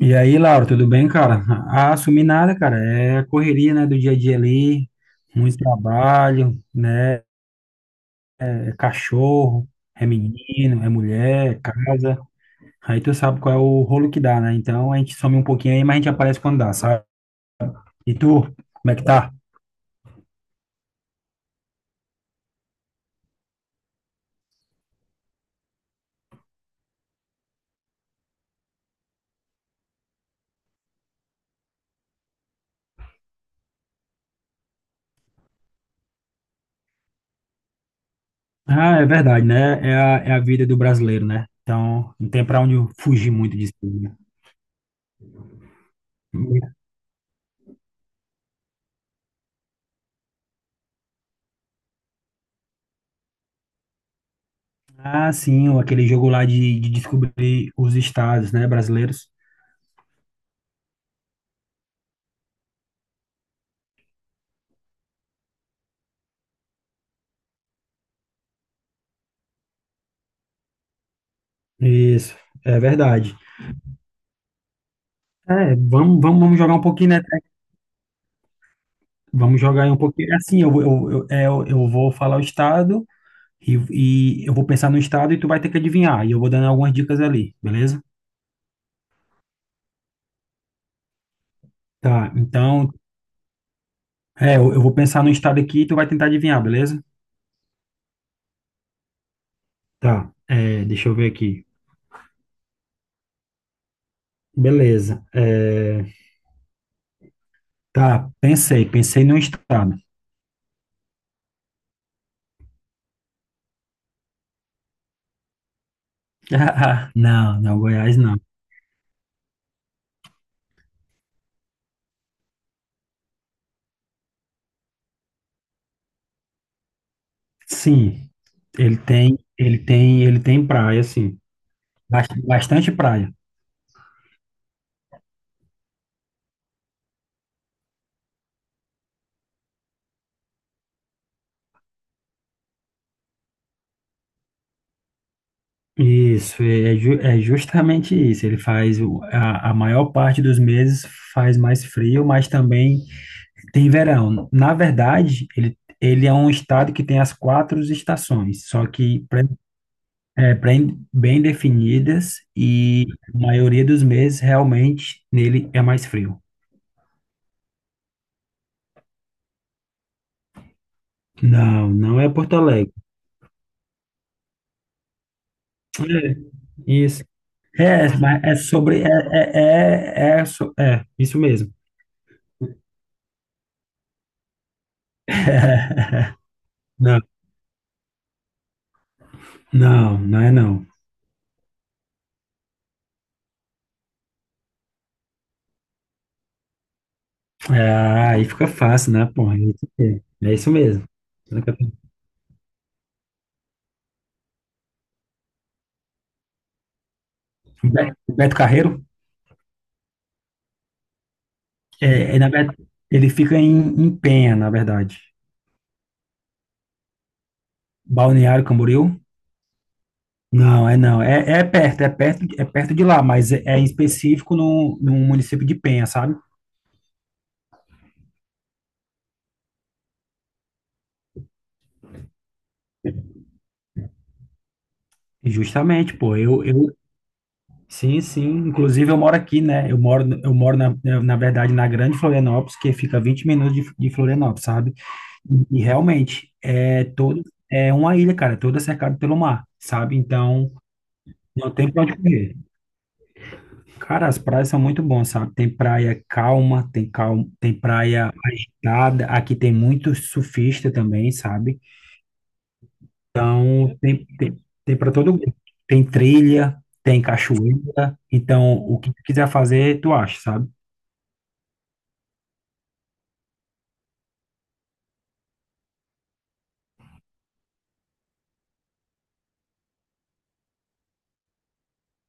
E aí, Laura, tudo bem, cara? Ah, assumir nada, cara. É correria, né, do dia a dia ali, muito trabalho, né? É cachorro, é menino, é mulher, é casa. Aí tu sabe qual é o rolo que dá, né? Então a gente some um pouquinho aí, mas a gente aparece quando dá, sabe? E tu, como é que tá? Ah, é verdade, né? É a vida do brasileiro, né? Então não tem pra onde fugir muito disso, né? Ah, sim, aquele jogo lá de descobrir os estados, né, brasileiros. Isso, é verdade. É, vamos jogar um pouquinho, né? Vamos jogar aí um pouquinho. Assim, eu, é, eu vou falar o estado e, e eu vou pensar no estado e tu vai ter que adivinhar. E eu vou dando algumas dicas ali, beleza? Tá, então, é, eu vou pensar no estado aqui e tu vai tentar adivinhar, beleza? Tá, é, deixa eu ver aqui. Beleza. Tá, pensei no estado. Não, Goiás não. Sim, ele tem praia, sim. Bastante praia. Isso, é justamente isso. Ele faz o- a maior parte dos meses faz mais frio, mas também tem verão. Na verdade, ele é um estado que tem as quatro estações, só que bem definidas e a maioria dos meses realmente nele é mais frio. Não, não é Porto Alegre. É, isso. É, mas é sobre. Isso mesmo. Não, não, não é não. Ah, aí fica fácil, né, pô? É isso mesmo. O Beto Carreiro, na verdade, ele fica em, em Penha, na verdade. Balneário Camboriú? Não, é não. É perto de lá, mas é, é em específico no município de Penha, sabe? Justamente, pô. Sim, sim. Inclusive eu moro aqui, né? Na verdade, na Grande Florianópolis, que fica 20 minutos de Florianópolis, sabe? E realmente, é uma ilha, cara, é toda cercada pelo mar, sabe? Então, não tem pra onde correr. Cara, as praias são muito boas, sabe? Tem praia calma, tem praia agitada. Aqui tem muito surfista também, sabe? Então, tem para todo mundo. Tem trilha, tem cachoeira. Então, o que tu quiser fazer, tu acha, sabe?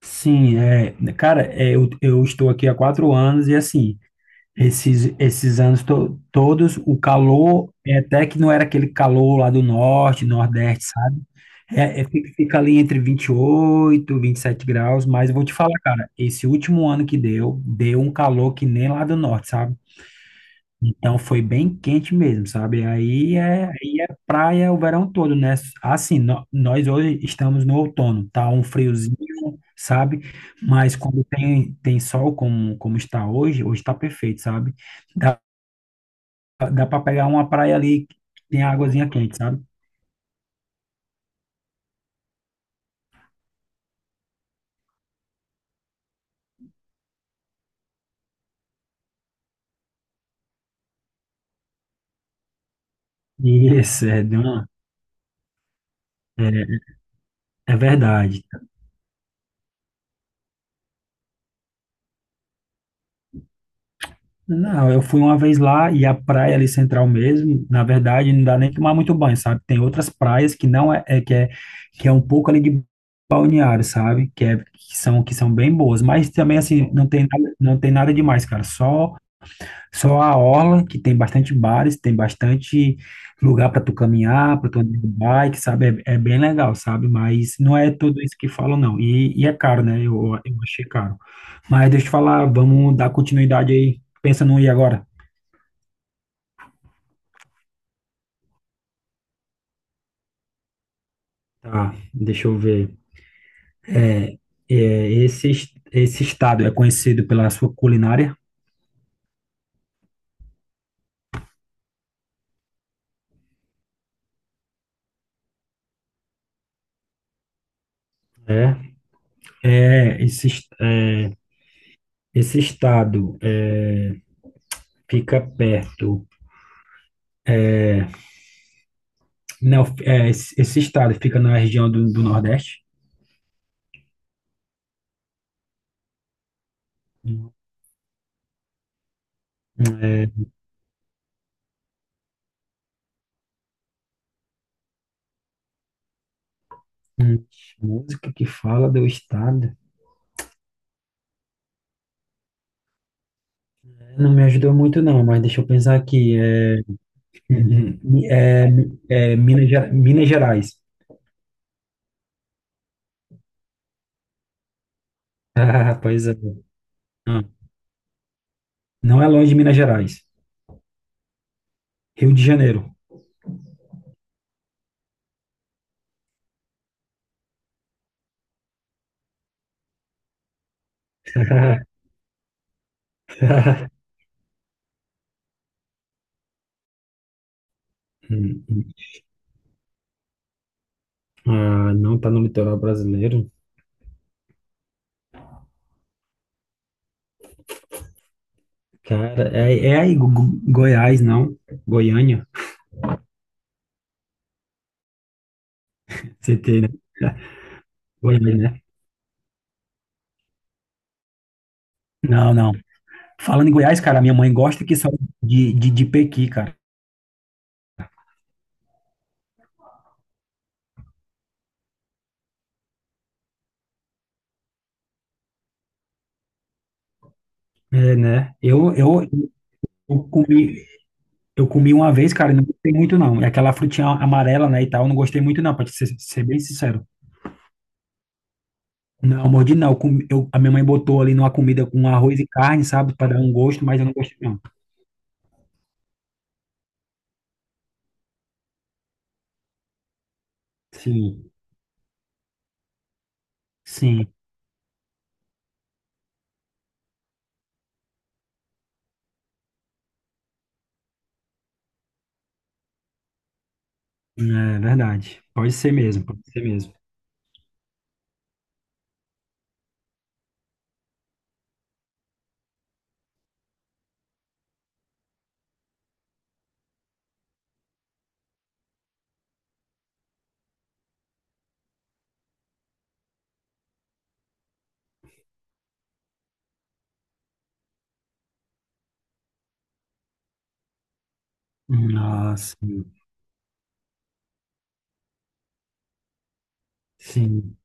Sim, é, cara, é, eu estou aqui há quatro anos e assim, esses todos, o calor, é até que não era aquele calor lá do norte, nordeste, sabe? Fica ali entre vinte vinte e oito vinte e sete graus, mas eu vou te falar, cara, esse último ano que deu, deu um calor que nem lá do norte, sabe? Então foi bem quente mesmo, sabe? Aí é praia o verão todo, né? Assim, nós hoje estamos no outono, tá um friozinho, sabe? Mas quando tem sol como, como está hoje, hoje está perfeito, sabe? Dá para pegar uma praia ali que tem águazinha quente, sabe? Isso, é, de uma- é, é verdade. Não, eu fui uma vez lá e a praia ali central mesmo, na verdade, não dá nem tomar muito banho, sabe? Tem outras praias que não é, é- que é que é um pouco ali de balneário, sabe? Que, que são bem boas, mas também assim, não tem nada demais, cara. Só a orla, que tem bastante bares, tem bastante lugar para tu caminhar, para tu andar de bike, sabe? É bem legal, sabe? Mas não é tudo isso que falam, não. E é caro, né? Eu achei caro. Mas deixa eu te falar, vamos dar continuidade aí. Pensa no ir agora. Tá, deixa eu ver. É, esse estado é conhecido pela sua culinária? É. É, esse, es- é, esse estado é, fica perto. Não, esse estado fica na região do Nordeste. Hum. É, hum, música que fala do estado. Não me ajudou muito, não, mas deixa eu pensar aqui. É, é Minas Gerais. Ah, pois é. Não, não é longe de Minas Gerais. Rio de Janeiro. Hum. Ah, não tá no litoral brasileiro. Cara, Goiás, não? Goiânia. CT, né? Goiânia, né? Não, não. Falando em Goiás, cara, minha mãe gosta que salada de pequi, cara. É, né? Eu comi, eu comi uma vez, cara, e não gostei muito, não. É aquela frutinha amarela, né, e tal, eu não gostei muito, não, pra te ser, ser bem sincero. Não, mordi não. A minha mãe botou ali numa comida com arroz e carne, sabe, pra dar um gosto, mas eu não gostei, não. Sim, sim, é verdade. Pode ser mesmo. Nossa, sim.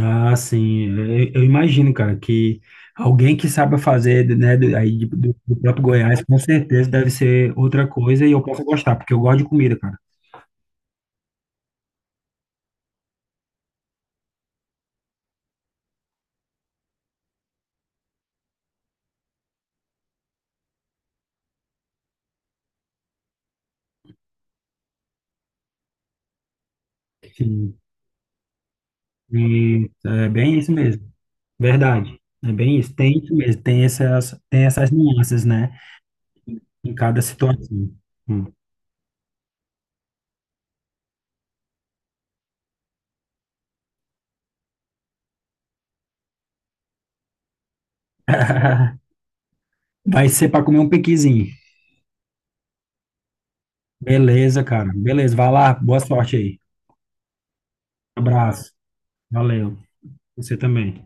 Ah, sim, eu imagino, cara, que alguém que saiba fazer, né, do, aí de- do, do próprio Goiás, com certeza deve ser outra coisa e eu posso gostar, porque eu gosto de comida, cara. Sim, e é bem isso mesmo, verdade. É bem isso, tem isso mesmo, tem essas nuances, né, em cada situação. Hum. Vai ser para comer um piquizinho. Beleza, cara, beleza, vai lá, boa sorte aí. Abraço, valeu, você também.